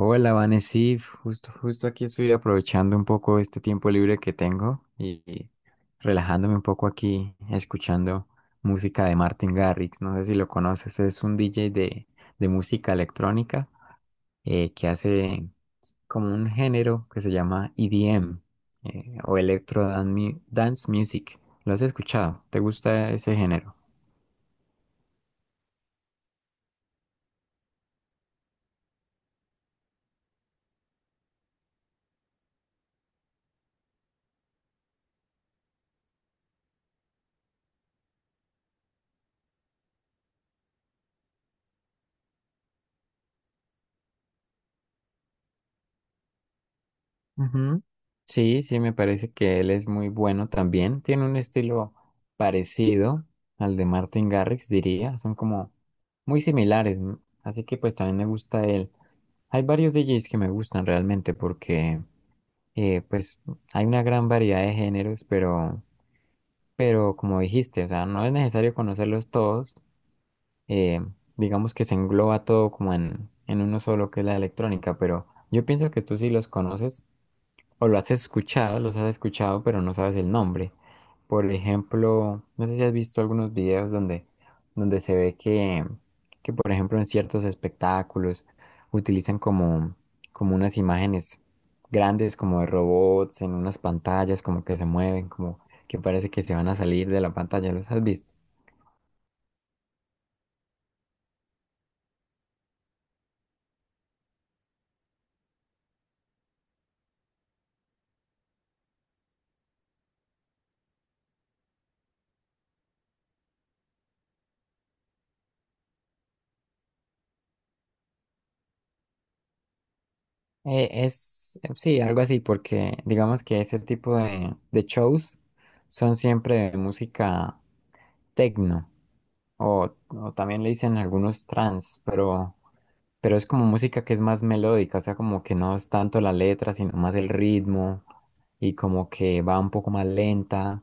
Hola, Vanesif, justo aquí estoy aprovechando un poco este tiempo libre que tengo y relajándome un poco aquí escuchando música de Martin Garrix. No sé si lo conoces, es un DJ de música electrónica, que hace como un género que se llama EDM, o Electro Dance Music. ¿Lo has escuchado? ¿Te gusta ese género? Ujú. Sí, sí, me parece que él es muy bueno también. Tiene un estilo parecido al de Martin Garrix, diría. Son como muy similares, ¿no? Así que pues también me gusta él. Hay varios DJs que me gustan realmente porque, pues hay una gran variedad de géneros, pero como dijiste, o sea, no es necesario conocerlos todos. Eh, digamos que se engloba todo como en uno solo que es la electrónica, pero yo pienso que tú sí los conoces o lo has escuchado, los has escuchado, pero no sabes el nombre. Por ejemplo, no sé si has visto algunos videos donde se ve que, por ejemplo, en ciertos espectáculos utilizan como unas imágenes grandes, como de robots, en unas pantallas, como que se mueven, como que parece que se van a salir de la pantalla. ¿Los has visto? Sí, algo así, porque digamos que ese tipo de shows son siempre de música tecno. O también le dicen algunos trans, pero es como música que es más melódica, o sea, como que no es tanto la letra, sino más el ritmo y como que va un poco más lenta.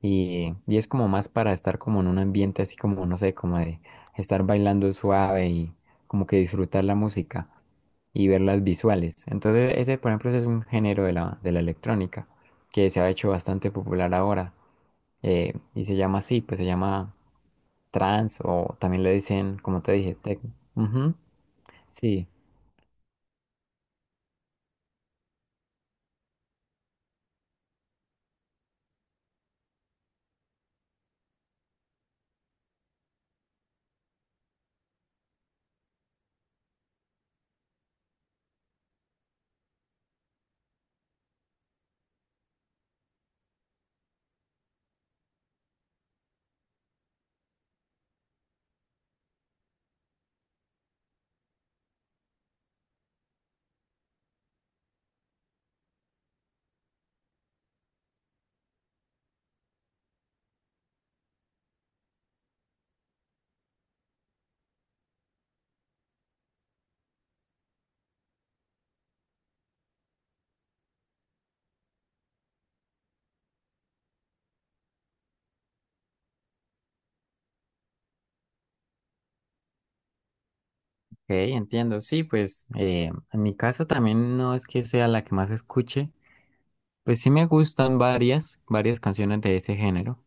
Y es como más para estar como en un ambiente así como, no sé, como de estar bailando suave y como que disfrutar la música y ver las visuales. Entonces ese, por ejemplo, ese es un género de la, electrónica que se ha hecho bastante popular ahora, y se llama así, pues se llama trance o también le dicen, como te dije, techno. Ujú. Sí, ok, entiendo. Sí, pues, en mi caso también no es que sea la que más escuche. Pues sí me gustan varias canciones de ese género,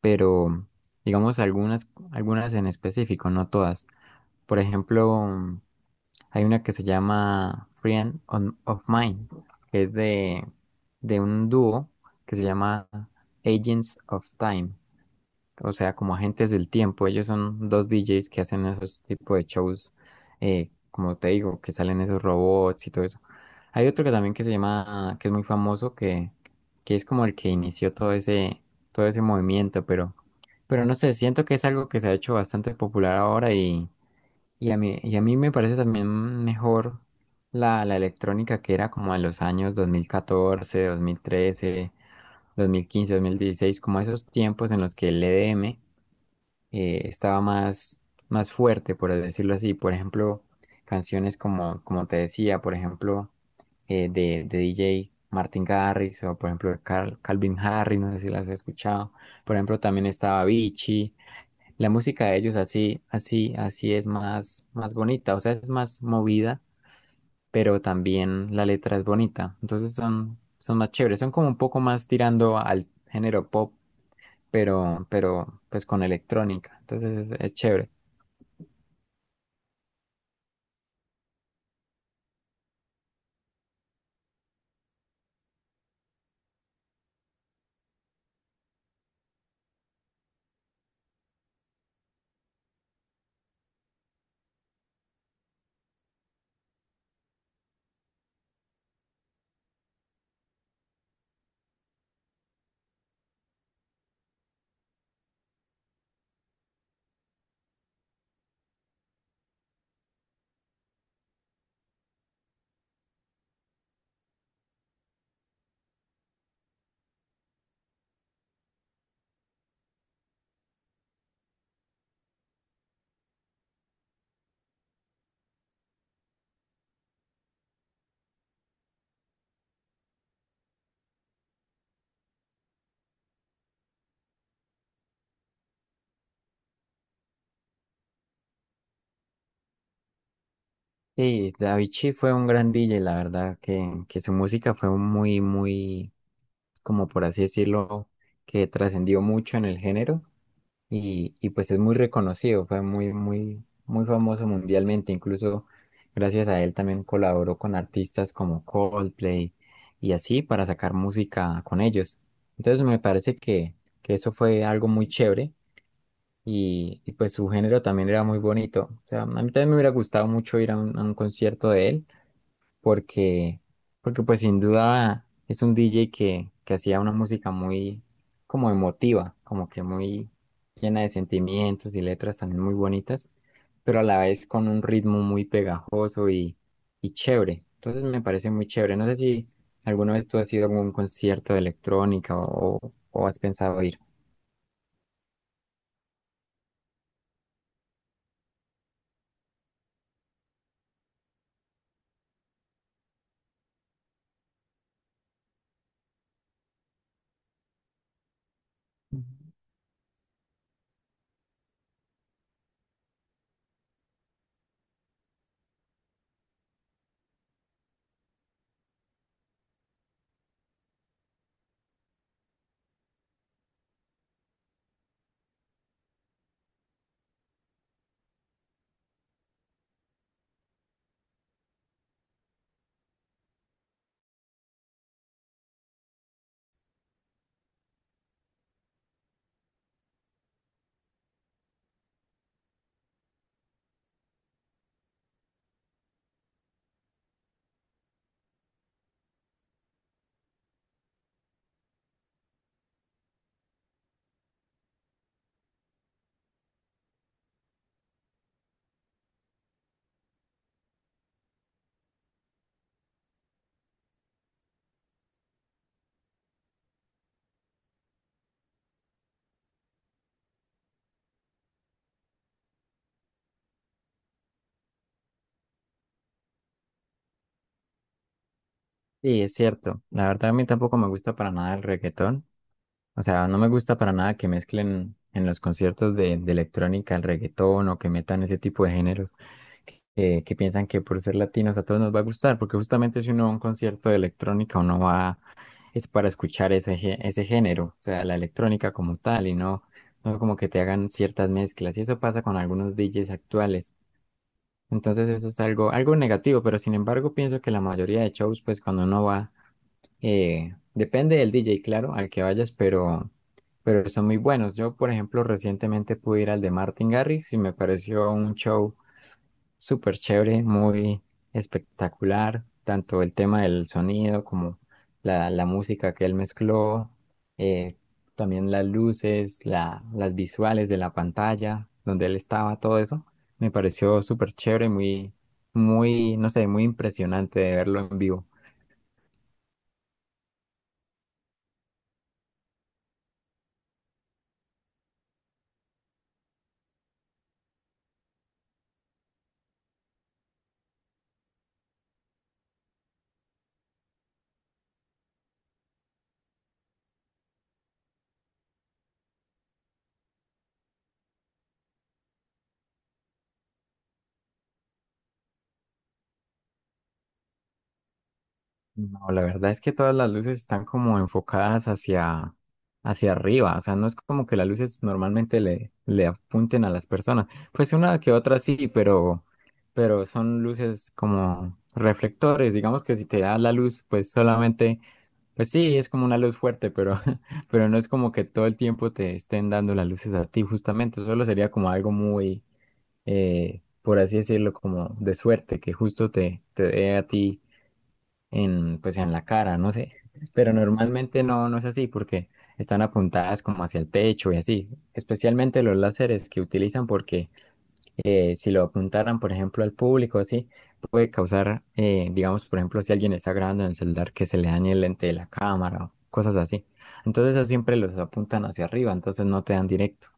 pero digamos algunas en específico, no todas. Por ejemplo, hay una que se llama Friend of Mine, que es de, un dúo que se llama Agents of Time, o sea, como agentes del tiempo. Ellos son dos DJs que hacen esos tipos de shows, como te digo, que salen esos robots y todo eso. Hay otro que también que se llama, que es muy famoso, que es como el que inició todo ese, movimiento, pero no sé, siento que es algo que se ha hecho bastante popular ahora, y a mí me parece también mejor la electrónica que era como en los años dos mil catorce, 13, 15, 2016, como esos tiempos en los que el EDM, estaba más, fuerte, por decirlo así. Por ejemplo, canciones como, te decía, por ejemplo, de DJ Martin Garrix o por ejemplo de Calvin Harris, no sé si las has escuchado. Por ejemplo, también estaba Avicii. La música de ellos así, así, así es más, bonita, o sea, es más movida, pero también la letra es bonita. Entonces son más chéveres, son como un poco más tirando al género pop, pero pues con electrónica. Entonces es chévere. Sí, Avicii fue un gran DJ, la verdad, que su música fue muy, muy, como por así decirlo, que trascendió mucho en el género y pues es muy reconocido, fue muy, muy, muy famoso mundialmente, incluso gracias a él también colaboró con artistas como Coldplay y así para sacar música con ellos. Entonces me parece que eso fue algo muy chévere y pues su género también era muy bonito. O sea, a mí también me hubiera gustado mucho ir a a un concierto de él, porque, porque pues sin duda es un DJ que hacía una música muy como emotiva, como que muy llena de sentimientos y letras también muy bonitas, pero a la vez con un ritmo muy pegajoso y chévere. Entonces me parece muy chévere. No sé si alguna vez tú has ido a algún concierto de electrónica o has pensado ir. Sí, es cierto. La verdad a mí tampoco me gusta para nada el reggaetón. O sea, no me gusta para nada que mezclen en los conciertos de, electrónica el reggaetón o que metan ese tipo de géneros que piensan que por ser latinos a todos nos va a gustar, porque justamente si uno va a un concierto de electrónica uno va es para escuchar ese, ese género, o sea, la electrónica como tal y no, no como que te hagan ciertas mezclas y eso pasa con algunos DJs actuales. Entonces eso es algo, algo negativo, pero sin embargo pienso que la mayoría de shows, pues cuando uno va, depende del DJ, claro, al que vayas, pero son muy buenos. Yo, por ejemplo, recientemente pude ir al de Martin Garrix y me pareció un show súper chévere, muy espectacular, tanto el tema del sonido como la, música que él mezcló, eh, también las luces, las visuales de la pantalla donde él estaba, todo eso, me pareció súper chévere, muy, muy, no sé, muy impresionante de verlo en vivo. No, la verdad es que todas las luces están como enfocadas hacia, arriba, o sea, no es como que las luces normalmente le apunten a las personas, pues una que otra sí, pero son luces como reflectores, digamos que si te da la luz, pues solamente, pues sí, es como una luz fuerte, pero, pero no es como que todo el tiempo te estén dando las luces a ti, justamente, solo sería como algo muy, por así decirlo, como de suerte, que justo te dé a ti en, pues en la cara, no sé. Pero normalmente no, no es así porque están apuntadas como hacia el techo y así. Especialmente los láseres que utilizan porque, si lo apuntaran, por ejemplo, al público, así, puede causar, digamos, por ejemplo, si alguien está grabando en el celular, que se le dañe el lente de la cámara o cosas así. Entonces eso siempre los apuntan hacia arriba, entonces no te dan directo.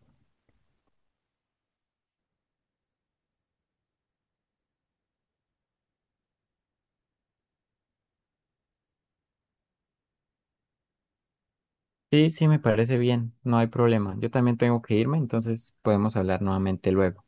Sí, sí, me parece bien, no hay problema. Yo también tengo que irme, entonces podemos hablar nuevamente luego.